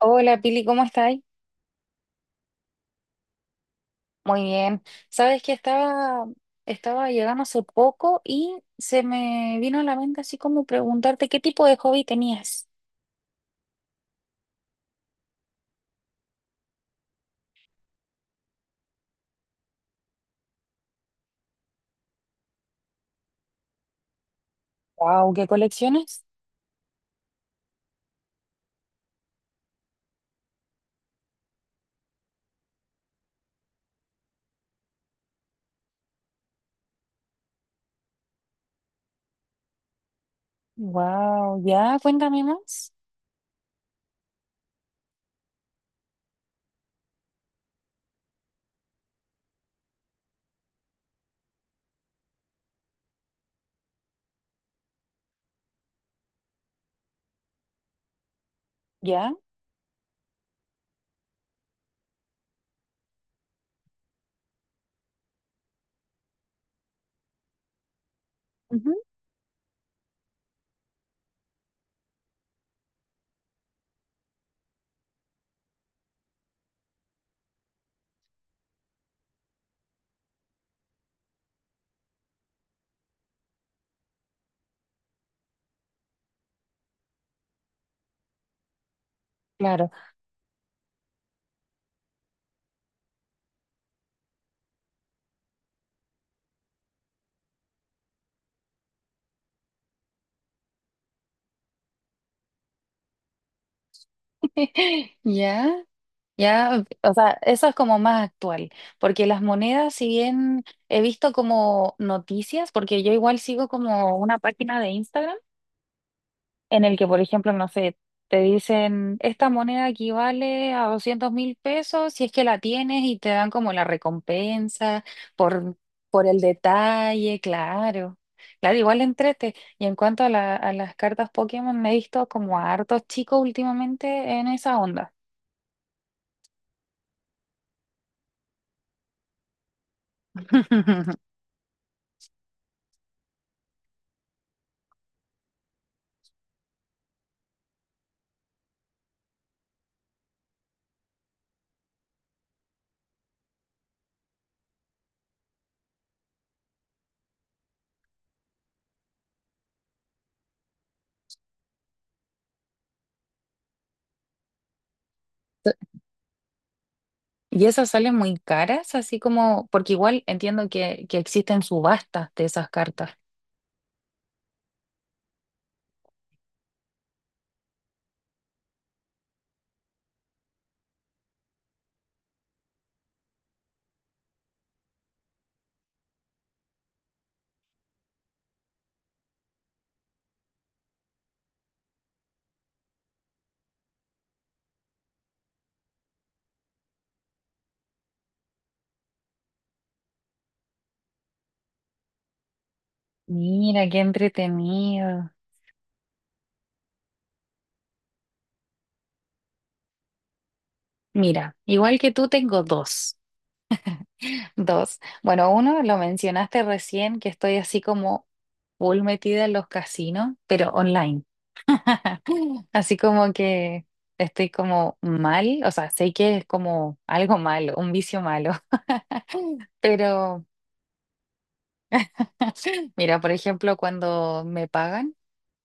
Hola Pili, ¿cómo estáis? Muy bien. Sabes que estaba llegando hace poco y se me vino a la mente así como preguntarte qué tipo de hobby tenías. Wow, ¿qué colecciones? Wow, ya, cuéntame más. Ya, ujú, claro. Ya, ya, o sea, eso es como más actual, porque las monedas, si bien he visto como noticias, porque yo igual sigo como una página de Instagram. En el que, por ejemplo, no sé, te dicen, esta moneda equivale a 200.000 pesos si es que la tienes y te dan como la recompensa por, por el detalle, claro. Claro, igual entrete. Y en cuanto a las cartas Pokémon, me he visto como a hartos chicos últimamente en esa onda. Y esas salen muy caras, así como, porque igual entiendo que existen subastas de esas cartas. Mira, qué entretenido. Mira, igual que tú tengo dos. Dos. Bueno, uno lo mencionaste recién, que estoy así como full metida en los casinos, pero online. Así como que estoy como mal, o sea, sé que es como algo malo, un vicio malo. Pero mira, por ejemplo, cuando me pagan.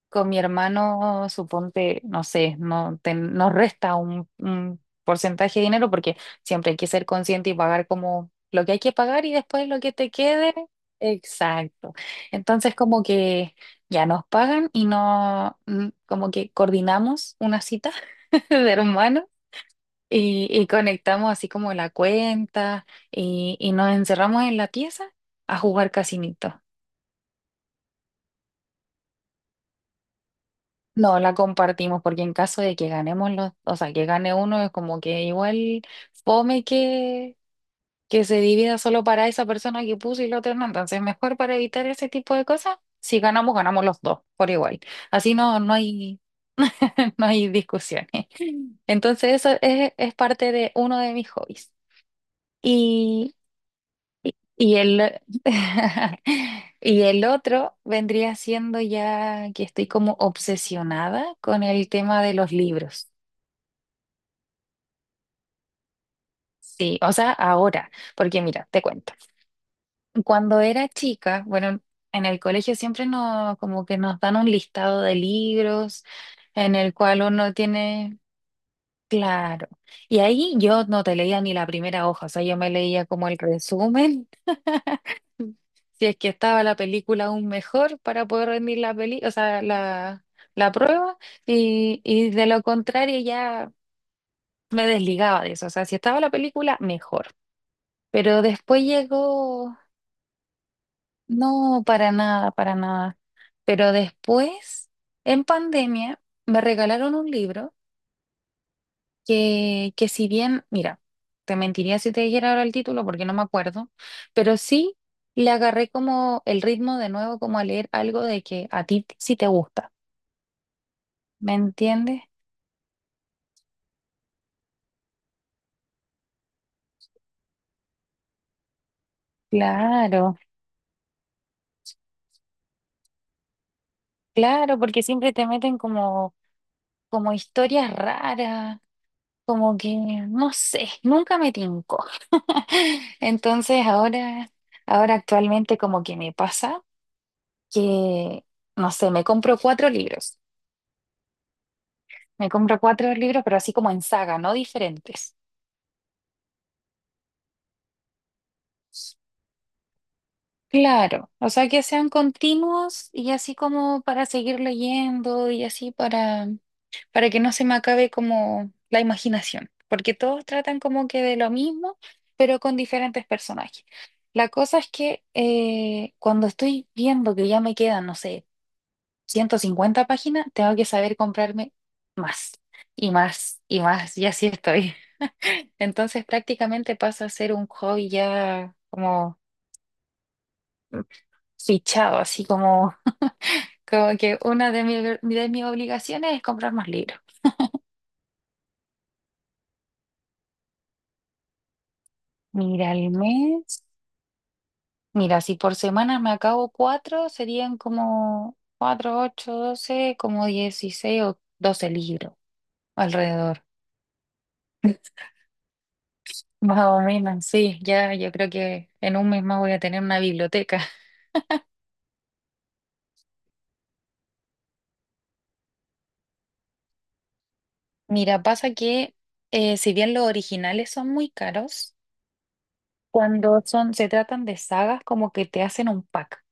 Con mi hermano, suponte, no sé, no te- nos resta un porcentaje de dinero porque siempre hay que ser consciente y pagar como lo que hay que pagar y después lo que te quede. Exacto. Entonces como que ya nos pagan y no, como que coordinamos una cita de hermanos y conectamos así como la cuenta y nos encerramos en la pieza a jugar casinito. No, la compartimos porque en caso de que ganemos los, o sea, que gane uno es como que igual fome que se divida solo para esa persona que puso y la otra no. Entonces, mejor para evitar ese tipo de cosas, si ganamos, ganamos los dos por igual. Así no, no hay, no hay discusiones. Entonces, eso es parte de uno de mis hobbies. y y el, y el otro vendría siendo ya que estoy como obsesionada con el tema de los libros. Sí, o sea, ahora, porque mira, te cuento. Cuando era chica, bueno, en el colegio siempre nos, como que nos dan un listado de libros en el cual uno tiene, claro. Y ahí yo no te leía ni la primera hoja, o sea, yo me leía como el resumen si es que estaba la película aún mejor para poder rendir la peli, o sea, la prueba, y de lo contrario ya me desligaba de eso. O sea, si estaba la película, mejor. Pero después llegó, no, para nada, para nada. Pero después, en pandemia, me regalaron un libro que si bien, mira, te mentiría si te dijera ahora el título porque no me acuerdo, pero sí le agarré como el ritmo de nuevo, como a leer algo de que a ti sí te gusta, ¿me entiendes? Claro, claro, porque siempre te meten como historias raras, como que, no sé, nunca me tincó. Entonces ahora, ahora actualmente como que me pasa que, no sé, me compro cuatro libros. Me compro cuatro libros, pero así como en saga, no diferentes. Claro, o sea que sean continuos y así como para seguir leyendo y así para que no se me acabe como la imaginación, porque todos tratan como que de lo mismo, pero con diferentes personajes. La cosa es que cuando estoy viendo que ya me quedan, no sé, 150 páginas, tengo que saber comprarme más y más y más, y así estoy. Entonces prácticamente pasa a ser un hobby ya como fichado, así como, como que una de mis obligaciones es comprar más libros. Mira, al mes, mira, si por semana me acabo cuatro, serían como cuatro, ocho, doce, como 16 o doce libros alrededor. Más o menos, sí, ya yo creo que en un mes más voy a tener una biblioteca. Mira, pasa que si bien los originales son muy caros, cuando se tratan de sagas, como que te hacen un pack.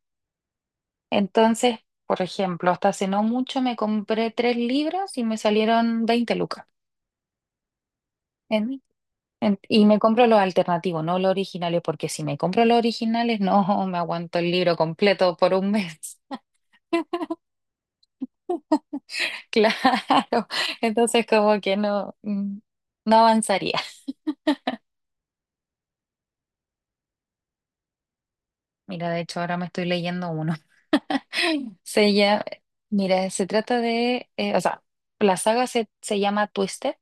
Entonces, por ejemplo, hasta hace no mucho me compré tres libros y me salieron 20 lucas. En- y me compro los alternativos, no los originales, porque si me compro los originales, no me aguanto el libro completo por un mes. Claro. Entonces, como que no, no avanzaría. Mira, de hecho, ahora me estoy leyendo uno. Se llama, mira, se trata de, o sea, la saga se llama Twisted.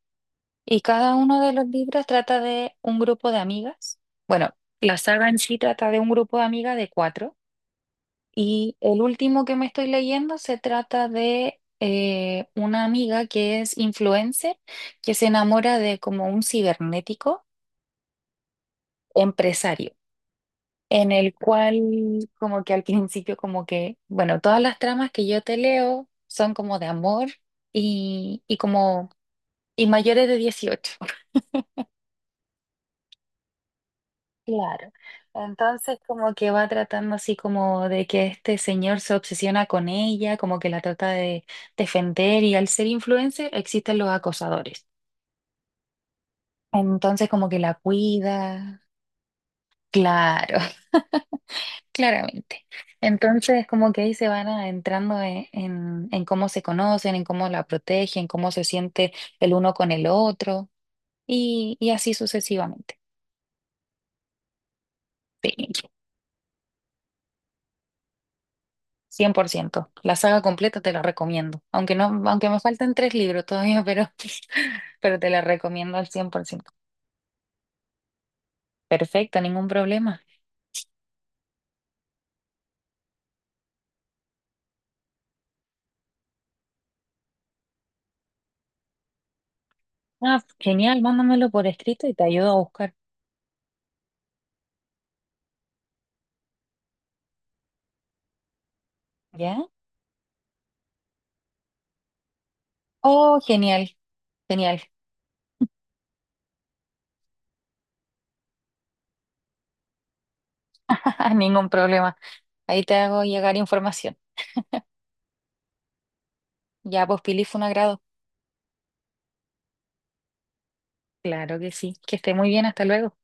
Y cada uno de los libros trata de un grupo de amigas. Bueno, la saga en sí trata de un grupo de amigas de cuatro. Y el último que me estoy leyendo se trata de una amiga que es influencer, que se enamora de como un cibernético empresario, en el cual como que al principio como que, bueno, todas las tramas que yo te leo son como de amor y como... Y mayores de 18. Claro. Entonces como que va tratando así como de que este señor se obsesiona con ella, como que la trata de defender y al ser influencer existen los acosadores. Entonces como que la cuida. Claro, claramente. Entonces como que ahí se van entrando en cómo se conocen, en cómo la protegen, cómo se siente el uno con el otro y así sucesivamente. Sí. 100%. La saga completa te la recomiendo. Aunque no, aunque me faltan tres libros todavía, pero, pero te la recomiendo al 100%. Perfecto, ningún problema. Ah, genial, mándamelo por escrito y te ayudo a buscar. ¿Ya? Oh, genial, genial. Ningún problema. Ahí te hago llegar información. Ya, pues, Pili, fue un agrado. Claro que sí. Que esté muy bien, hasta luego.